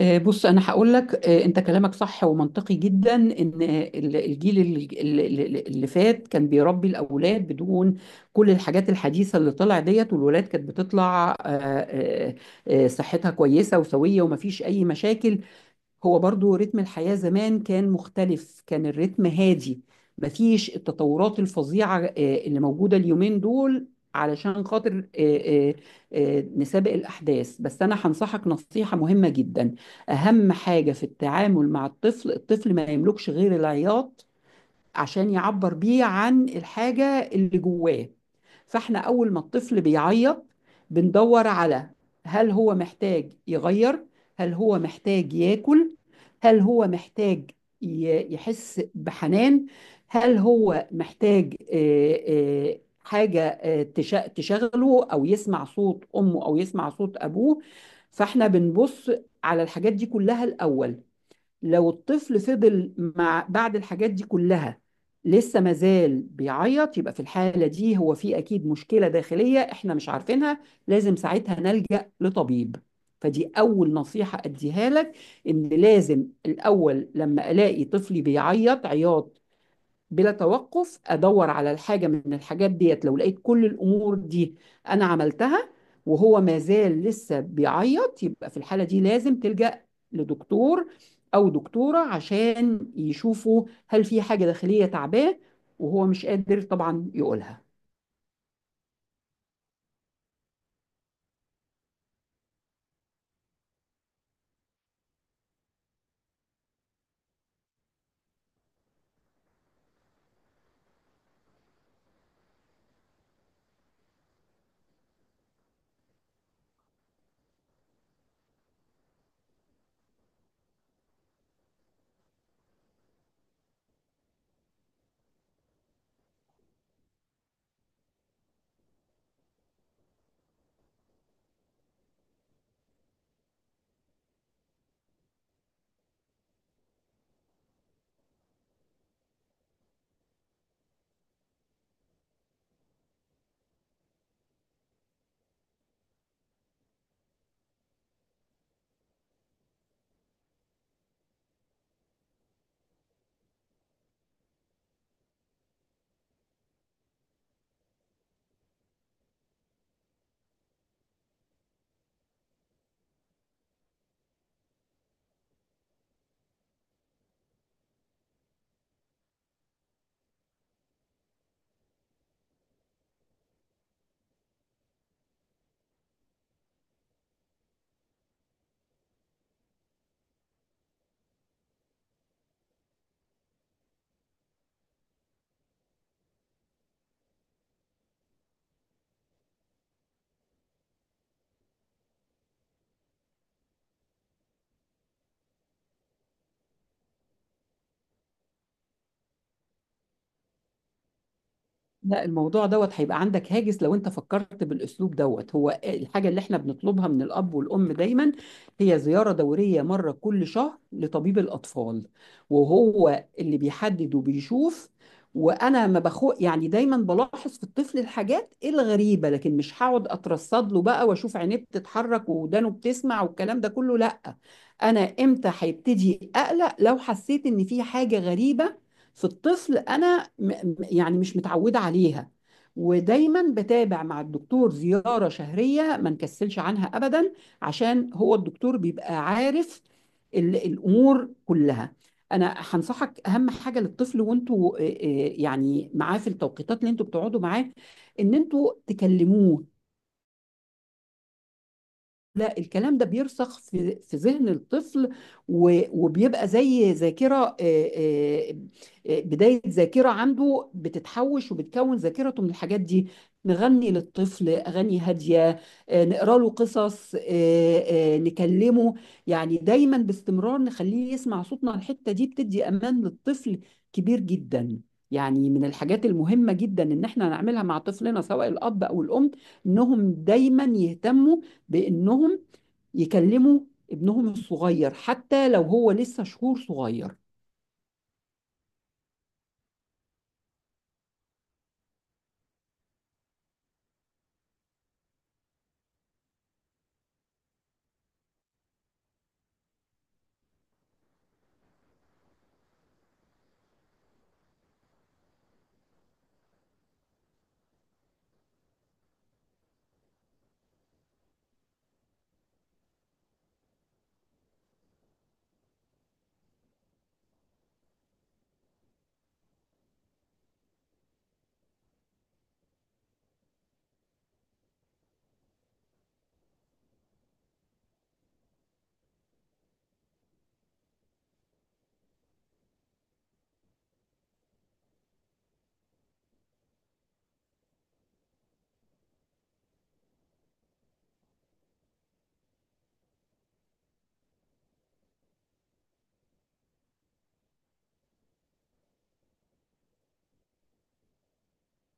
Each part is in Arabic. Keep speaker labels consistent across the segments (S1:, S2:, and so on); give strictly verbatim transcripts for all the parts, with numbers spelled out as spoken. S1: آه، بص انا هقول لك، آه، انت كلامك صح ومنطقي جدا ان آه، ال- الجيل ال- ال- ال- اللي فات كان بيربي الاولاد بدون كل الحاجات الحديثه اللي طلع ديت، والولاد كانت بتطلع آه، آه، آه، صحتها كويسه وسويه ومفيش اي مشاكل. هو برضو رتم الحياة زمان كان مختلف، كان الرتم هادي، مفيش التطورات الفظيعة آه، اللي موجودة اليومين دول علشان خاطر آه، آه، آه، نسابق الأحداث. بس أنا هنصحك نصيحة مهمة جدا. أهم حاجة في التعامل مع الطفل، الطفل ما يملكش غير العياط عشان يعبر بيه عن الحاجة اللي جواه. فاحنا أول ما الطفل بيعيط بندور على هل هو محتاج يغير، هل هو محتاج ياكل، هل هو محتاج ي- يحس بحنان، هل هو محتاج آه، آه، حاجة آه، تش- تشغله أو يسمع صوت أمه أو يسمع صوت أبوه. فاحنا بنبص على الحاجات دي كلها الأول. لو الطفل فضل مع بعد الحاجات دي كلها لسه مازال بيعيط، يبقى في الحالة دي هو في أكيد مشكلة داخلية إحنا مش عارفينها، لازم ساعتها نلجأ لطبيب. فدي أول نصيحة أديها لك، إن لازم الأول لما ألاقي طفلي بيعيط عياط بلا توقف ادور على الحاجه من الحاجات ديت. لو لقيت كل الامور دي انا عملتها وهو ما زال لسه بيعيط، يبقى في الحاله دي لازم تلجأ لدكتور او دكتوره عشان يشوفوا هل في حاجه داخليه تعباه وهو مش قادر طبعا يقولها. لا، الموضوع دوت هيبقى عندك هاجس لو انت فكرت بالاسلوب دوت. هو الحاجه اللي احنا بنطلبها من الاب والام دايما هي زياره دوريه مره كل شهر لطبيب الاطفال، وهو اللي بيحدد وبيشوف. وانا ما بخو يعني دايما بلاحظ في الطفل الحاجات الغريبه، لكن مش هقعد اترصد له بقى واشوف عينيه بتتحرك ودانه بتسمع والكلام ده كله، لا. انا امتى هيبتدي اقلق؟ لو حسيت ان في حاجه غريبه في الطفل انا م- م- يعني مش متعوده عليها. ودايما بتابع مع الدكتور زياره شهريه ما نكسلش عنها ابدا عشان هو الدكتور بيبقى عارف ال- الامور كلها. انا هنصحك اهم حاجه للطفل، وانتوا آه، آه، يعني معاه في التوقيتات اللي انتوا بتقعدوا معاه ان انتوا تكلموه. لا، الكلام ده بيرسخ في في ذهن الطفل، و- وبيبقى زي ذاكرة، آه، آه، آه، بداية ذاكرة عنده بتتحوش وبتكون ذاكرته من الحاجات دي. نغني للطفل أغاني هادية، آه، نقرأ له قصص، آه، آه، نكلمه. يعني دايما باستمرار نخليه يسمع صوتنا. الحتة دي بتدي أمان للطفل كبير جدا. يعني من الحاجات المهمة جدا إن احنا نعملها مع طفلنا سواء الأب أو الأم، إنهم دايما يهتموا بانهم يكلموا ابنهم الصغير حتى لو هو لسه شهور صغير.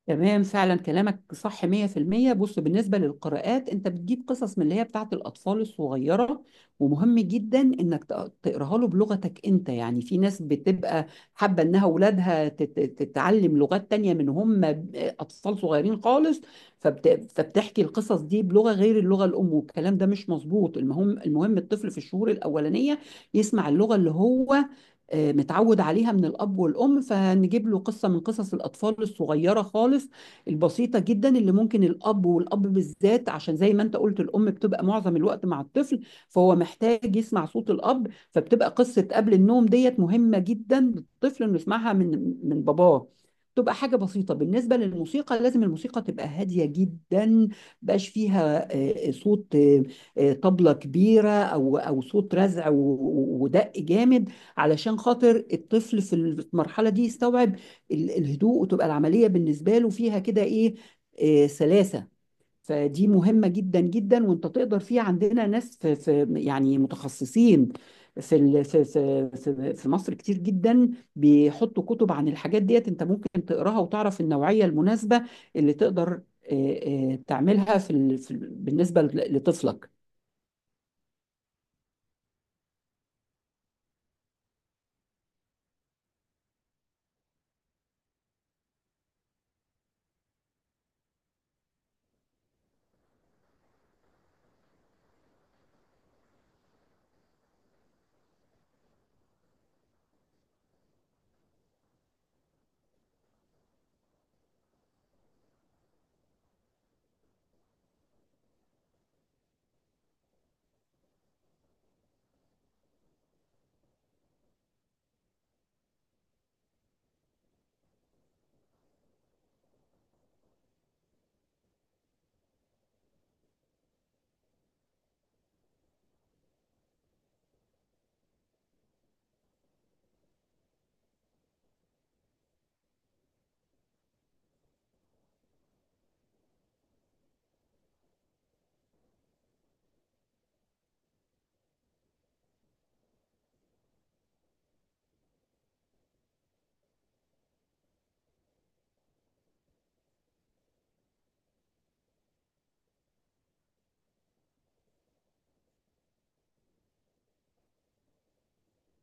S1: تمام، فعلا كلامك صح مئة في المية. بص، بالنسبة للقراءات، انت بتجيب قصص من اللي هي بتاعت الأطفال الصغيرة. ومهم جدا انك تق- تقراها له بلغتك انت. يعني في ناس بتبقى حابة انها اولادها تت- تتعلم لغات تانية من هم أطفال صغيرين خالص، فبت... فبتحكي القصص دي بلغة غير اللغة الأم، والكلام ده مش مظبوط. المهم، المهم الطفل في الشهور الأولانية يسمع اللغة اللي هو آه، متعود عليها من الأب والأم. فهنجيب له قصة من قصص الأطفال الصغيرة خالص البسيطة جدا، اللي ممكن الأب، والأب بالذات عشان زي ما أنت قلت الأم بتبقى معظم الوقت مع الطفل فهو محتاج يسمع صوت الأب. فبتبقى قصة قبل النوم ديت مهمة جدا للطفل إنه يسمعها من من باباه، تبقى حاجة بسيطة. بالنسبة للموسيقى، لازم الموسيقى تبقى هادية جدا، مبقاش فيها آه، صوت آه، آه، طبلة كبيرة أو أو صوت رزع و- و- ودق جامد علشان خاطر الطفل في المرحلة دي يستوعب ال- الهدوء، وتبقى العملية بالنسبة له فيها كده إيه، آه، سلاسة. فدي مهمة جدا جدا، وانت تقدر فيها. عندنا ناس في في يعني متخصصين في ال- في في في في مصر كتير جدا بيحطوا كتب عن الحاجات ديت، انت ممكن تقراها وتعرف النوعية المناسبة اللي تقدر آه، آه، تعملها في ال- في ال- بالنسبة لطفلك.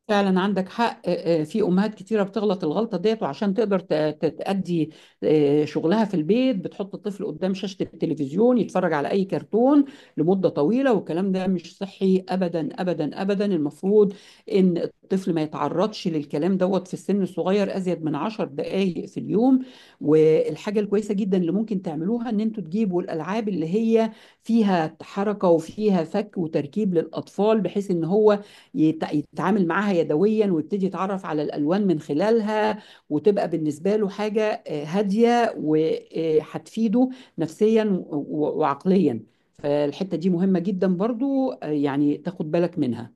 S1: فعلا عندك حق، آه، آه، في امهات كتيره بتغلط الغلطه ديت، وعشان تقدر ت- ت- تأدي آه، شغلها في البيت بتحط الطفل قدام شاشه التلفزيون يتفرج على اي كرتون لمده طويله، والكلام ده مش صحي ابدا ابدا ابدا. المفروض ان الطفل ما يتعرضش للكلام دوت في السن الصغير ازيد من 10 دقائق في اليوم. والحاجه الكويسه جدا اللي ممكن تعملوها ان انتوا تجيبوا الالعاب اللي هي فيها حركه وفيها فك وتركيب للاطفال، بحيث ان هو يت- يتعامل معاها يدويا ويبتدي يتعرف على الالوان من خلالها، وتبقى بالنسبه له حاجه آه، هاديه وهتفيده نفسيا و- و- وعقليا. فالحته دي مهمه جدا برضو، آه، يعني تاخد بالك منها.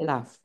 S1: العفو.